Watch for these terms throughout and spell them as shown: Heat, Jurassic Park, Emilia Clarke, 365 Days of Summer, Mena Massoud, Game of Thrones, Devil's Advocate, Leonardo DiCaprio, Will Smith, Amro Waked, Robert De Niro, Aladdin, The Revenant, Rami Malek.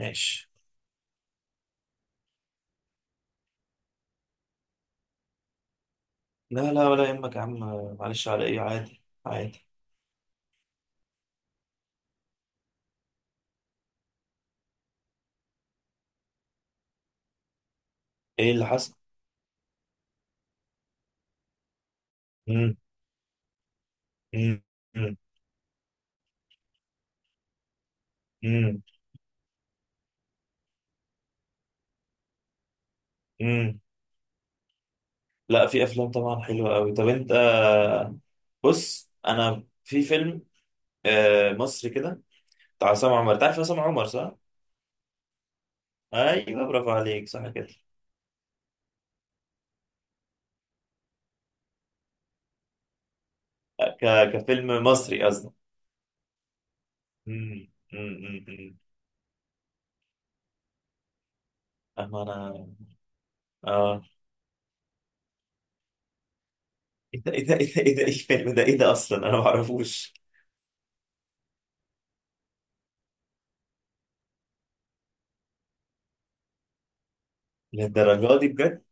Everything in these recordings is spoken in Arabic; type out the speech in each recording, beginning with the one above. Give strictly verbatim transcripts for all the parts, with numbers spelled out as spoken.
ماشي. لا لا ولا يهمك يا عم. معلش، على ايه، عادي عادي. ايه اللي حصل؟ مم. مم. مم. مم. مم. لا، في افلام طبعا حلوه قوي. طب انت آه، بص، انا في فيلم آه، مصري كده بتاع عصام عمر. تعرف عصام عمر صح؟ ايوه، برافو عليك، صح كده. ك... كفيلم مصري قصدي. مم. مم. مم. مم. اما انا. اه. ايه ده ايه ده ايه ده ايه ده، ايه الفيلم ده؟ ايه ده اصلا، انا ما اعرفوش. للدرجه دي بجد؟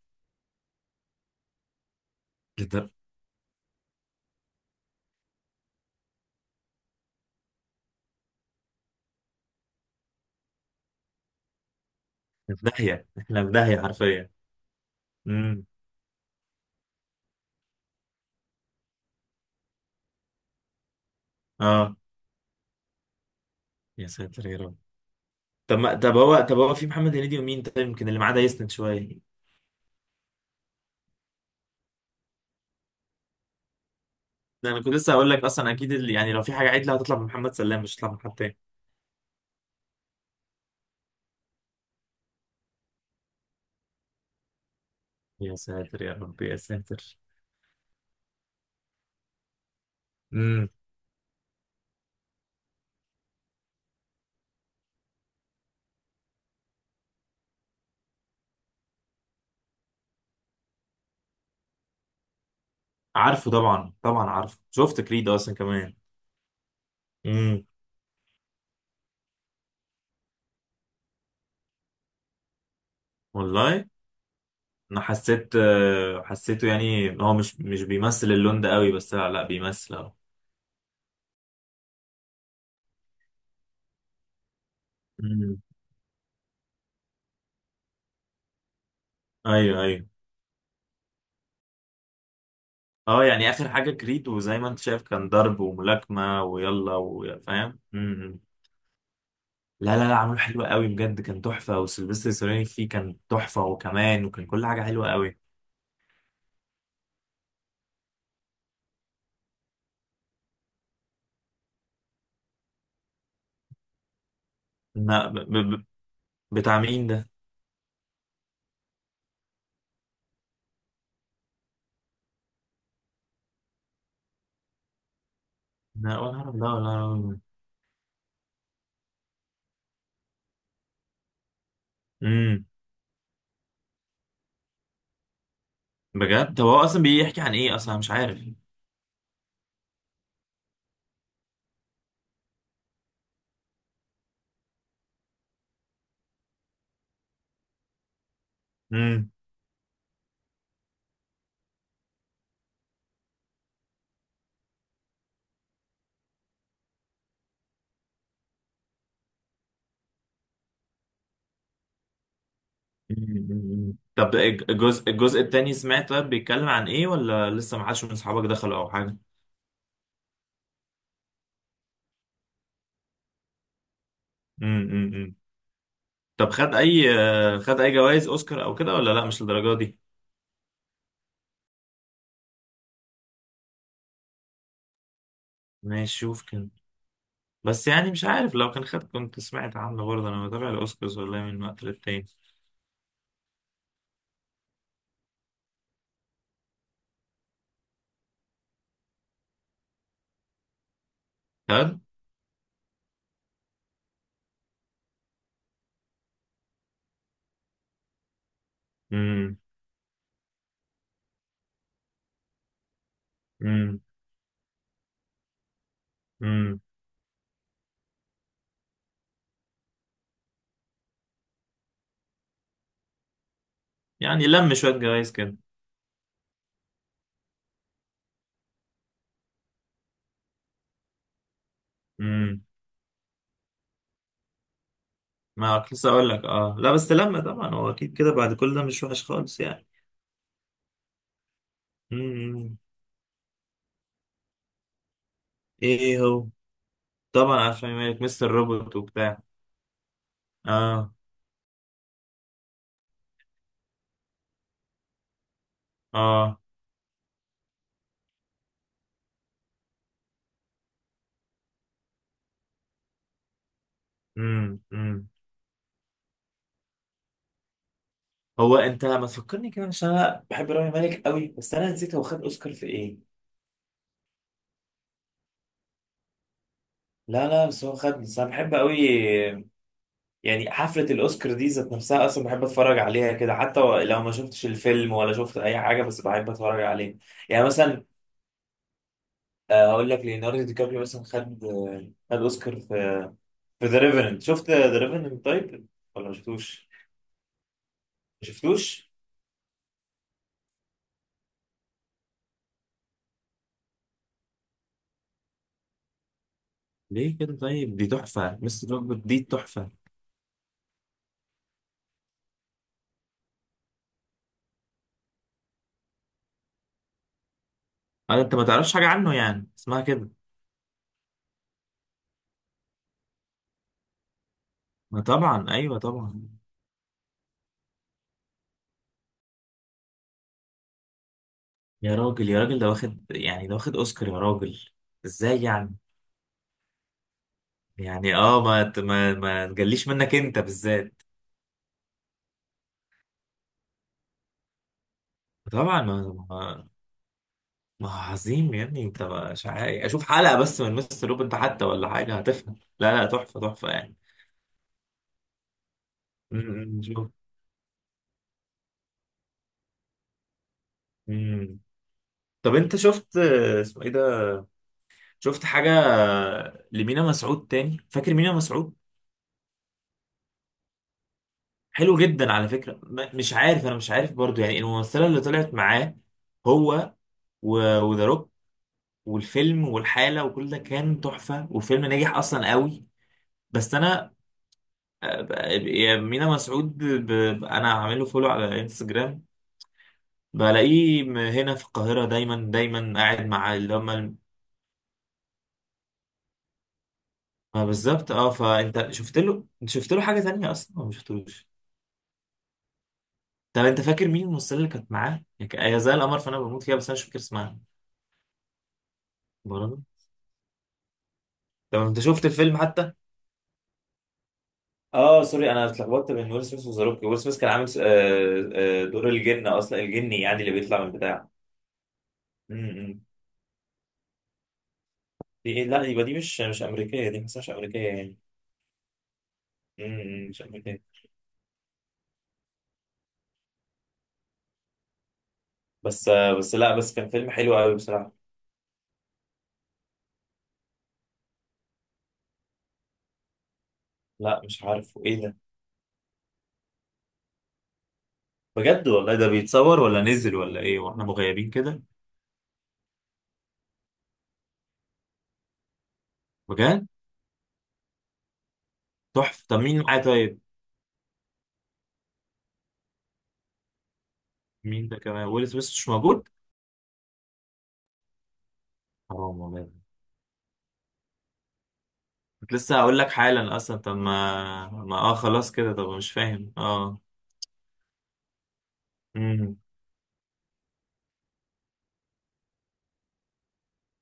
للدر- في داهيه، احنا في داهيه حرفيا. امم. اه. يا ساتر يا رب. طب ما طب هو طب هو في محمد هنيدي ومين طيب، يمكن اللي معاه ده يسند شويه. ده انا كنت لسه هقول لك، اصلا اكيد اللي يعني لو في حاجه عدله هتطلع من محمد سلام، مش هتطلع من حد تاني. يا ساتر يا رب يا ساتر. امم. عارفه طبعا، طبعا عارفه، شفت كريد اصلا كمان. امم. والله انا حسيت، آه، حسيته، يعني هو مش مش بيمثل اللون ده قوي، بس لا لا بيمثل اهو. امم. ايوه ايوه. اه يعني اخر حاجه كريد، وزي ما انت شايف كان ضرب وملاكمه ويلا وفاهم. امم. لا لا لا، عامل حلو قوي بجد، كان تحفة، وسيلفستر ستالوني فيه كان تحفة، وكمان وكان كل حاجة حلوة قوي. ما ب... ب... ب- بتاع مين ده؟ لا ولا أعرف ده ولا أعرف. امم. بجد؟ طب هو أصلا بيحكي عن إيه أصلا، أنا مش عارف. امم. أمم. طب الج- الجزء الجزء التاني سمعت؟ طيب بيتكلم عن إيه ولا لسه ما حدش من أصحابك دخلوا أو حاجة؟ امم. أمم. طب خد أي آه، خد أي جوائز أوسكار أو كده ولا لا مش للدرجة دي؟ ماشي شوف كده. بس يعني مش عارف، لو كان خد كنت سمعت عنه برضه، انا بتابع الاوسكارز والله من وقت للتاني. خد. امم. امم. امم. يعني لم شويه جوائز كده. امم. ما كنت لسه اقول لك، اه لا بس لم طبعا، هو اكيد كده بعد كل ده مش وحش خالص يعني. امم. ايه هو؟ طبعا، عشان مالك مستر روبوت وبتاع. اه. اه. امم. امم. هو انت ما تفكرني كده، عشان انا بحب رامي مالك قوي، بس انا نسيت هو خد اوسكار في ايه. لا لا، بس هو خد، بس انا بحب قوي. يعني حفلة الأوسكار دي ذات نفسها أصلا بحب أتفرج عليها كده، حتى لو ما شفتش الفيلم ولا شفت أي حاجة، بس بحب أتفرج عليه. يعني مثلا، آه، أقول لك ليوناردو دي كابريو مثلا خد آه، خد أوسكار في، في ذا ريفننت. شفت ذا ريفننت طيب ولا ما شفتوش؟ ما شفتوش؟ ليه كده طيب؟ دي تحفة مستر روبوت، دي تحفة. أنا أنت ما تعرفش حاجة عنه يعني اسمها كده. ما طبعا، أيوه طبعا. يا راجل يا راجل، ده واخد يعني ده واخد أوسكار يا راجل. إزاي يعني؟ يعني اه، ما ت- ما ما تجليش منك انت بالذات. طبعا ما ما, ما عظيم يا ابني، انت مش عارف، اشوف حلقه بس من مستر روب انت حتى ولا حاجه هتفهم. لا لا، تحفه تحفه يعني. امم شوف. امم. طب انت شفت آه، اسمه ايه ده، شفت حاجه آه، لمينا مسعود تاني؟ فاكر مينا مسعود؟ حلو جدا على فكره، ما- مش عارف، انا مش عارف برضو يعني الممثله اللي طلعت معاه، هو وذا روك والفيلم والحاله وكل ده كان تحفه، والفيلم نجح اصلا قوي. بس انا بقى- يا مينا مسعود، ب... ب- انا عامل له فولو على انستجرام، بلاقيه م- هنا في القاهرة دايما دايما قاعد مع اللي هم ال- ما بالظبط. اه، فانت شفت له، انت شفت له حاجة تانية اصلا ولا ما شفتوش؟ طب انت فاكر مين الممثلة اللي كانت معاه؟ يعني هي زي القمر، فانا بموت فيها بس انا مش فاكر اسمها. برضه. طب انت شفت الفيلم حتى؟ اه سوري، انا اتلخبطت بين ويل سميث وذا روك. ويل سميث كان عامل س- آه، آه، دور الجن اصلا، الجني يعني اللي بيطلع من بتاع. م- م. دي ايه؟ لا يبقى دي مش مش امريكية، دي ما اسمهاش امريكية يعني. امم شكله كده. بس بس، لا بس كان فيلم حلو قوي بصراحة. لا مش عارف ايه ده. بجد والله، ده بيتصور ولا نزل ولا ايه واحنا مغيبين كده؟ بجد؟ تحفة. طب مين معاه طيب؟ مين ده كمان؟ ويل سميث مش موجود؟ حرام والله. كنت لسه هقول لك حالا اصلا، طب ما ما اه، خلاص كده طب، مش فاهم اه. امم.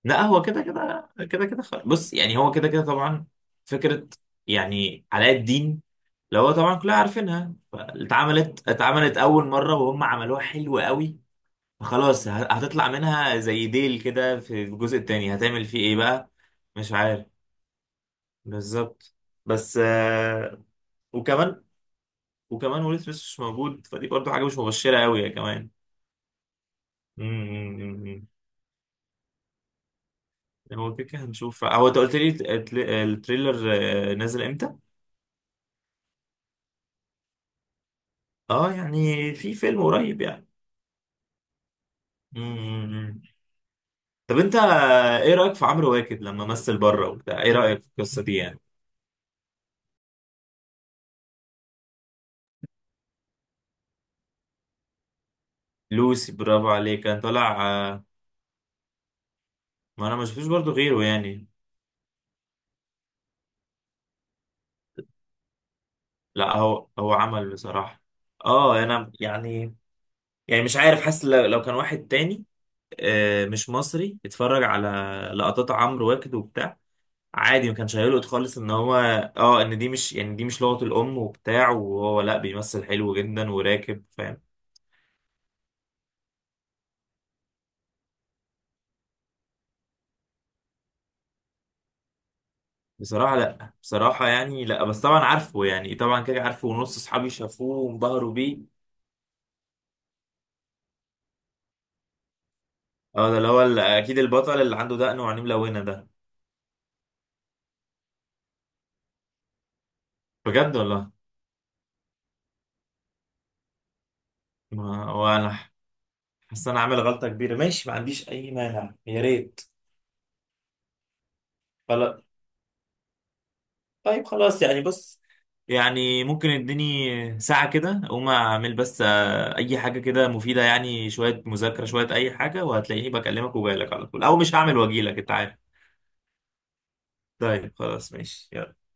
لا هو كده كده كده كده خ- بص، يعني هو كده كده طبعا، فكرة يعني علاء الدين اللي هو طبعا كلنا عارفينها، ف- اتعملت اتعملت أول مرة وهم عملوها حلو قوي، فخلاص ه- هتطلع منها زي ديل كده، في الجزء التاني هتعمل فيه ايه بقى. مش عارف. بالظبط. بس آه، وكمان، وكمان ويل سميث مش موجود، فدي برضو حاجة مش مبشرة قوي يا كمان. امم. هو كده كده هنشوف. هو انت قلت لي الت- التريلر آه، نازل امتى؟ اه يعني في فيلم قريب يعني. مم. طب انت ايه رأيك في عمرو واكد لما مثل بره وبتاع، ايه رأيك في القصة دي يعني؟ لوسي، برافو عليك، كان طالع آه، ما انا ما شفتوش برضو غيره يعني. لا هو هو عمل بصراحة، اه انا يعني، يعني مش عارف، حاسس لو لو كان واحد تاني آه، مش مصري اتفرج على لقطات عمرو واكد وبتاع، عادي ما كانش هيلقط خالص ان هو، اه ان دي مش يعني دي مش لغة الام وبتاع، وهو لا بيمثل حلو جدا وراكب فاهم. بصراحة لا، بصراحة يعني لا، بس طبعا عارفه، يعني طبعا كده عارفه ونص اصحابي شافوه وانبهروا بيه. اه ده اللي هو ال- اكيد البطل اللي عنده دقن وعينيه ملونة ده. بجد والله. ما وانا حاسس إن انا عامل غلطة كبيرة. ماشي، ما عنديش اي مانع، يا ريت. خلاص. طيب خلاص يعني، بص، يعني ممكن اديني ساعة كده اقوم اعمل بس اي حاجة كده مفيدة، يعني شوية مذاكرة شوية اي حاجة، وهتلاقيني بكلمك وجايلك على طول، او مش هعمل واجيلك، انت عارف. طيب خلاص ماشي يلا.